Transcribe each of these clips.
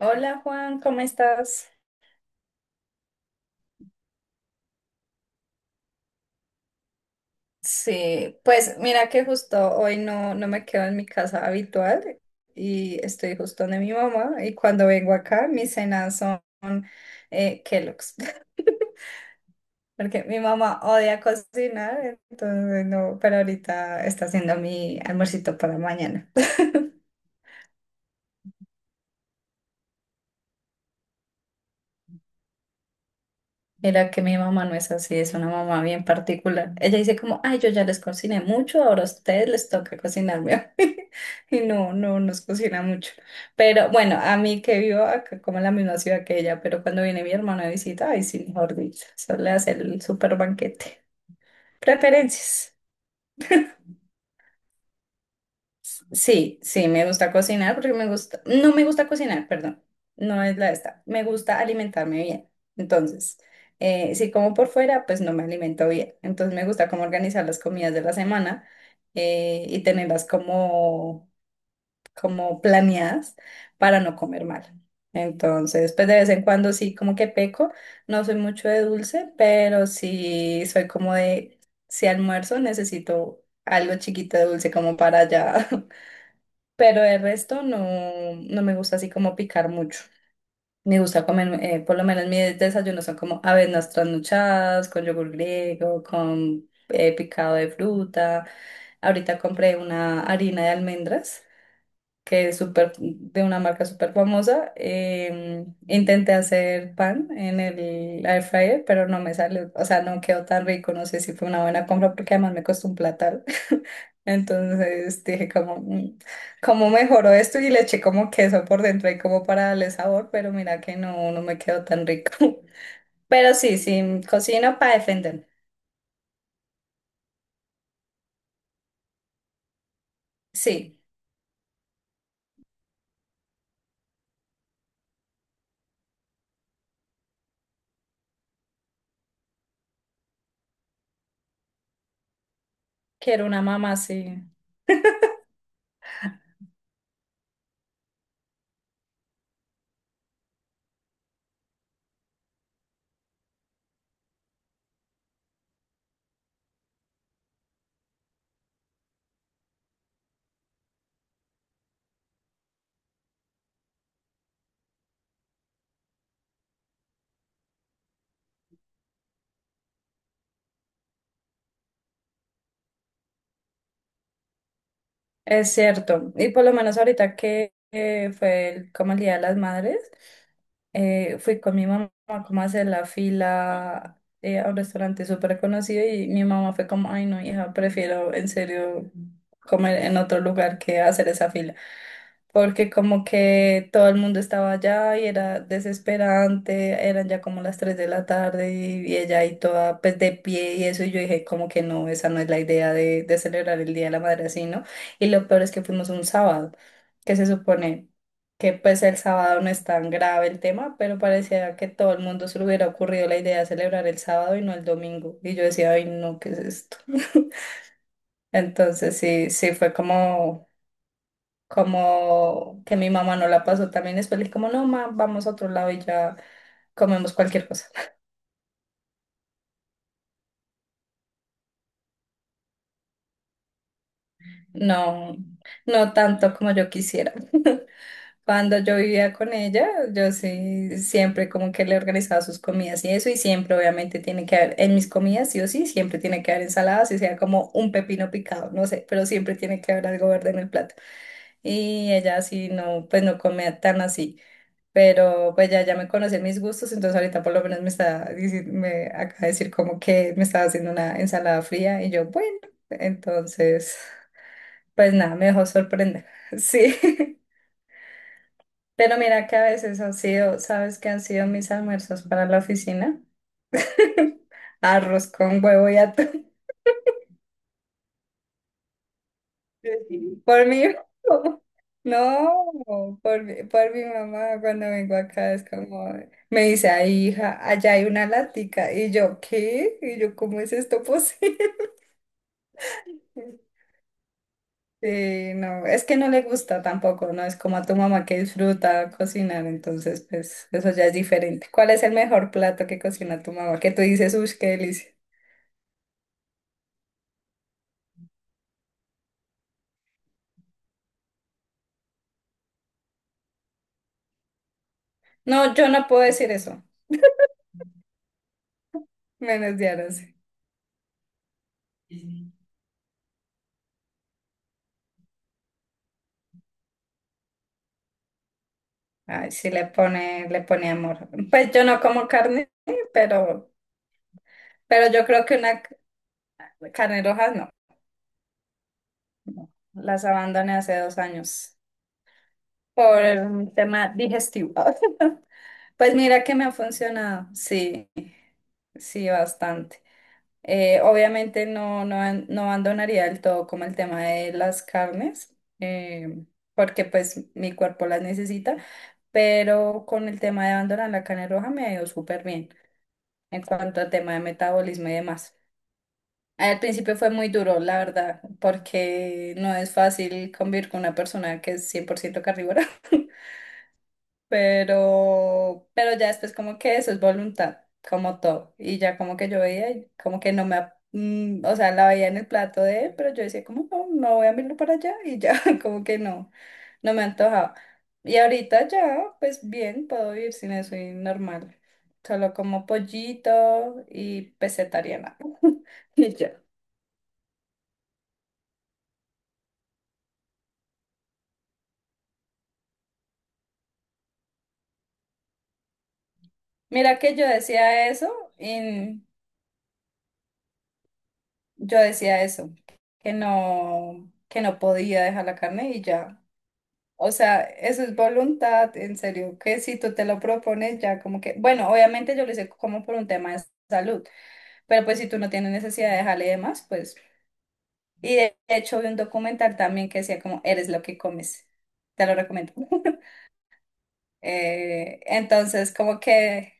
Hola Juan, ¿cómo estás? Sí, pues mira que justo hoy no, no me quedo en mi casa habitual y estoy justo donde mi mamá y cuando vengo acá mis cenas son Kellogg's porque mi mamá odia cocinar, entonces no, pero ahorita está haciendo mi almuercito para mañana. Mira que mi mamá no es así, es una mamá bien particular. Ella dice como, "Ay, yo ya les cociné mucho, ahora a ustedes les toca cocinarme a mí". Y no, no nos cocina mucho. Pero bueno, a mí que vivo acá como en la misma ciudad que ella, pero cuando viene mi hermano de visita, ay, sí, mejor dicho, eso le hace el super banquete. Preferencias. Sí, sí, me gusta cocinar porque me gusta, no me gusta cocinar, perdón, no es la esta, me gusta alimentarme bien. Entonces, si como por fuera, pues no me alimento bien. Entonces me gusta como organizar las comidas de la semana, y tenerlas como, como planeadas para no comer mal. Entonces, pues de vez en cuando sí, como que peco, no soy mucho de dulce, pero sí soy como de, si almuerzo necesito algo chiquito de dulce como para allá. Pero el resto no, no me gusta así como picar mucho. Me gusta comer, por lo menos mis desayunos son como avenas trasnochadas, con yogur griego, con picado de fruta. Ahorita compré una harina de almendras que es súper, de una marca súper famosa. Intenté hacer pan en el air fryer, pero no me sale, o sea, no quedó tan rico, no sé si fue una buena compra porque además me costó un platal. Entonces dije como, ¿cómo mejoró esto?". Y le eché como queso por dentro y como para darle sabor, pero mira que no, no me quedó tan rico. Pero sí, sí, cocino para defender. Sí, quiero una mamá, sí. Es cierto, y por lo menos ahorita que fue como el Día de las Madres, fui con mi mamá como a hacer la fila a un restaurante súper conocido y mi mamá fue como, "Ay no, hija, prefiero en serio comer en otro lugar que hacer esa fila", porque como que todo el mundo estaba allá y era desesperante, eran ya como las 3 de la tarde y, ella ahí toda pues de pie y eso, y yo dije como que no, esa no es la idea de celebrar el Día de la Madre así, ¿no? Y lo peor es que fuimos un sábado, que se supone que pues el sábado no es tan grave el tema, pero parecía que todo el mundo se le hubiera ocurrido la idea de celebrar el sábado y no el domingo, y yo decía, "Ay no, ¿qué es esto?". Entonces sí, sí fue como que mi mamá no la pasó también después, le dije como, "No, ma, vamos a otro lado y ya comemos cualquier cosa". No, no tanto como yo quisiera. Cuando yo vivía con ella, yo sí, siempre como que le organizaba sus comidas y eso, y siempre obviamente tiene que haber, en mis comidas sí o sí, siempre tiene que haber ensaladas, y sea como un pepino picado, no sé, pero siempre tiene que haber algo verde en el plato. Y ella sí no, pues no comía tan así. Pero pues ya, ya me conocí mis gustos, entonces ahorita por lo menos me acaba de decir como que me estaba haciendo una ensalada fría y yo, bueno, entonces, pues nada, me dejó sorprender. Sí, pero mira que a veces han sido, ¿sabes qué han sido mis almuerzos para la oficina? Arroz con huevo y atún. Por mí, no, por mi mamá cuando vengo acá es como, me dice, "Ay hija, allá hay una lática". Y yo, "¿Qué?". Y yo, "¿Cómo es esto posible?". Sí, no, es que no le gusta tampoco, no es como a tu mamá que disfruta cocinar, entonces pues eso ya es diferente. ¿Cuál es el mejor plato que cocina tu mamá? Que tú dices, "Uy, qué delicia". No, yo no puedo decir eso, menos de ahora sí. Ay, sí le pone amor. Pues yo no como carne, pero, yo creo que una carne roja no. No. Las abandoné hace 2 años por un tema digestivo. Pues mira que me ha funcionado, sí, sí, bastante. Obviamente no, no, no abandonaría del todo como el tema de las carnes, porque pues mi cuerpo las necesita, pero con el tema de abandonar la carne roja me ha ido súper bien en cuanto al tema de metabolismo y demás. Al principio fue muy duro, la verdad, porque no es fácil convivir con una persona que es 100% carnívora. Pero, ya después como que eso es voluntad, como todo. Y ya como que yo veía, y como que no me, o sea, la veía en el plato de él, pero yo decía como no, no voy a mirarlo para allá y ya, como que no, no me antojaba. Y ahorita ya, pues bien, puedo vivir sin eso y normal. Solo como pollito y vegetariana. Y ya. Mira que yo decía eso y yo decía eso, que no podía dejar la carne y ya. O sea, eso es voluntad, en serio, que si tú te lo propones ya como que, bueno, obviamente yo lo hice como por un tema de salud, pero pues si tú no tienes necesidad de dejarle y demás, pues, y de hecho vi un documental también que decía como, "Eres lo que comes", te lo recomiendo. Entonces, como que,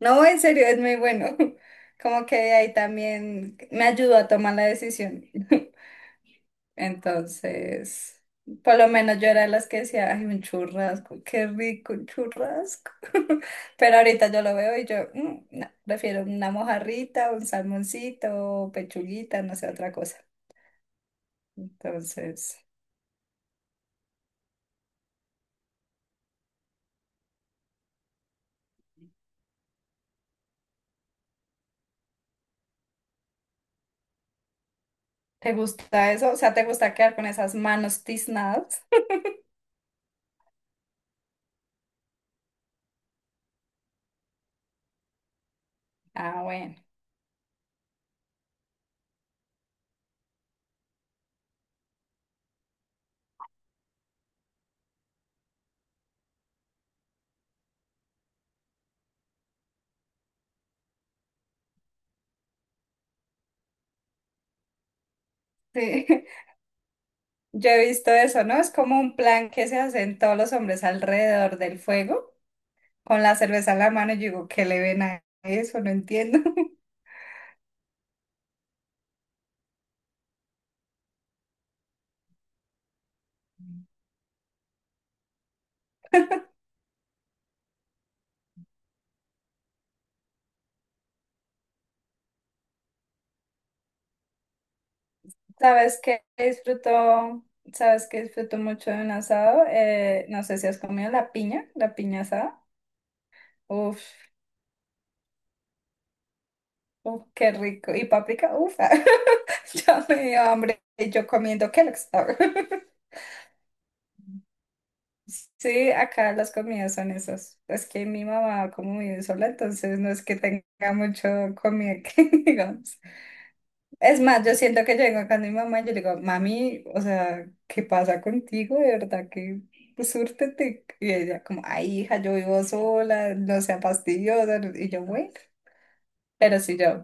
no, en serio, es muy bueno, como que de ahí también me ayudó a tomar la decisión. Entonces, por lo menos yo era de las que decía, "Ay, un churrasco, qué rico un churrasco". Pero ahorita yo lo veo y yo, "Mm, no, prefiero una mojarrita, un salmoncito, pechuguita, no sé, otra cosa". Entonces, ¿te gusta eso? O sea, ¿te gusta quedar con esas manos tiznadas? Ah, bueno. Sí, yo he visto eso, ¿no? Es como un plan que se hacen todos los hombres alrededor del fuego, con la cerveza en la mano. Y yo digo, "¿Qué le ven a eso? No entiendo". Sabes que disfruto, sabes que disfruto mucho de un asado. No sé si has comido la piña asada. Uf, uf, qué rico. Y paprika. Uf, ya me dio hambre. Y yo comiendo Kellogg's. Sí, acá las comidas son esas. Es que mi mamá como vive sola, entonces no es que tenga mucho comida que digamos. Es más, yo siento que yo vengo acá con mi mamá y yo le digo, "Mami, o sea, ¿qué pasa contigo? De verdad que pues, súrtete". Y ella como, "Ay, hija, yo vivo sola, no sea fastidiosa". Y yo, bueno, pero sí, yo,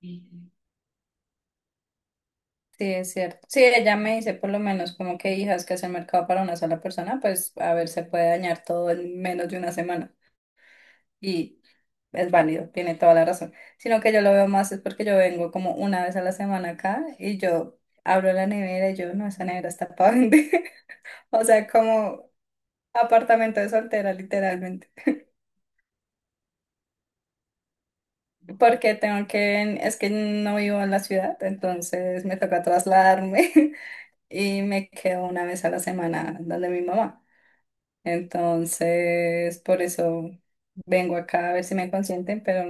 sí, es cierto. Sí, ella me dice por lo menos como que, "Hija, es que hacer mercado para una sola persona, pues a ver, se puede dañar todo en menos de una semana", y es válido, tiene toda la razón. Sino que yo lo veo más es porque yo vengo como una vez a la semana acá y yo abro la nevera y yo, "No, esa nevera está para vender". O sea, como apartamento de soltera, literalmente. Porque tengo que, es que no vivo en la ciudad, entonces me toca trasladarme y me quedo una vez a la semana donde mi mamá. Entonces, por eso vengo acá a ver si me consienten, pero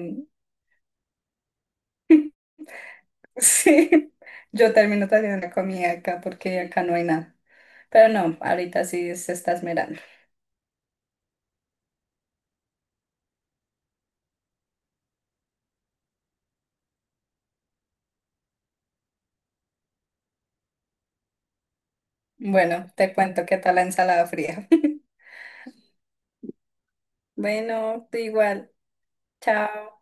sí, yo termino trayendo una comida acá porque acá no hay nada. Pero no, ahorita sí se está esmerando. Bueno, te cuento qué tal la ensalada fría. Bueno, tú igual. Chao.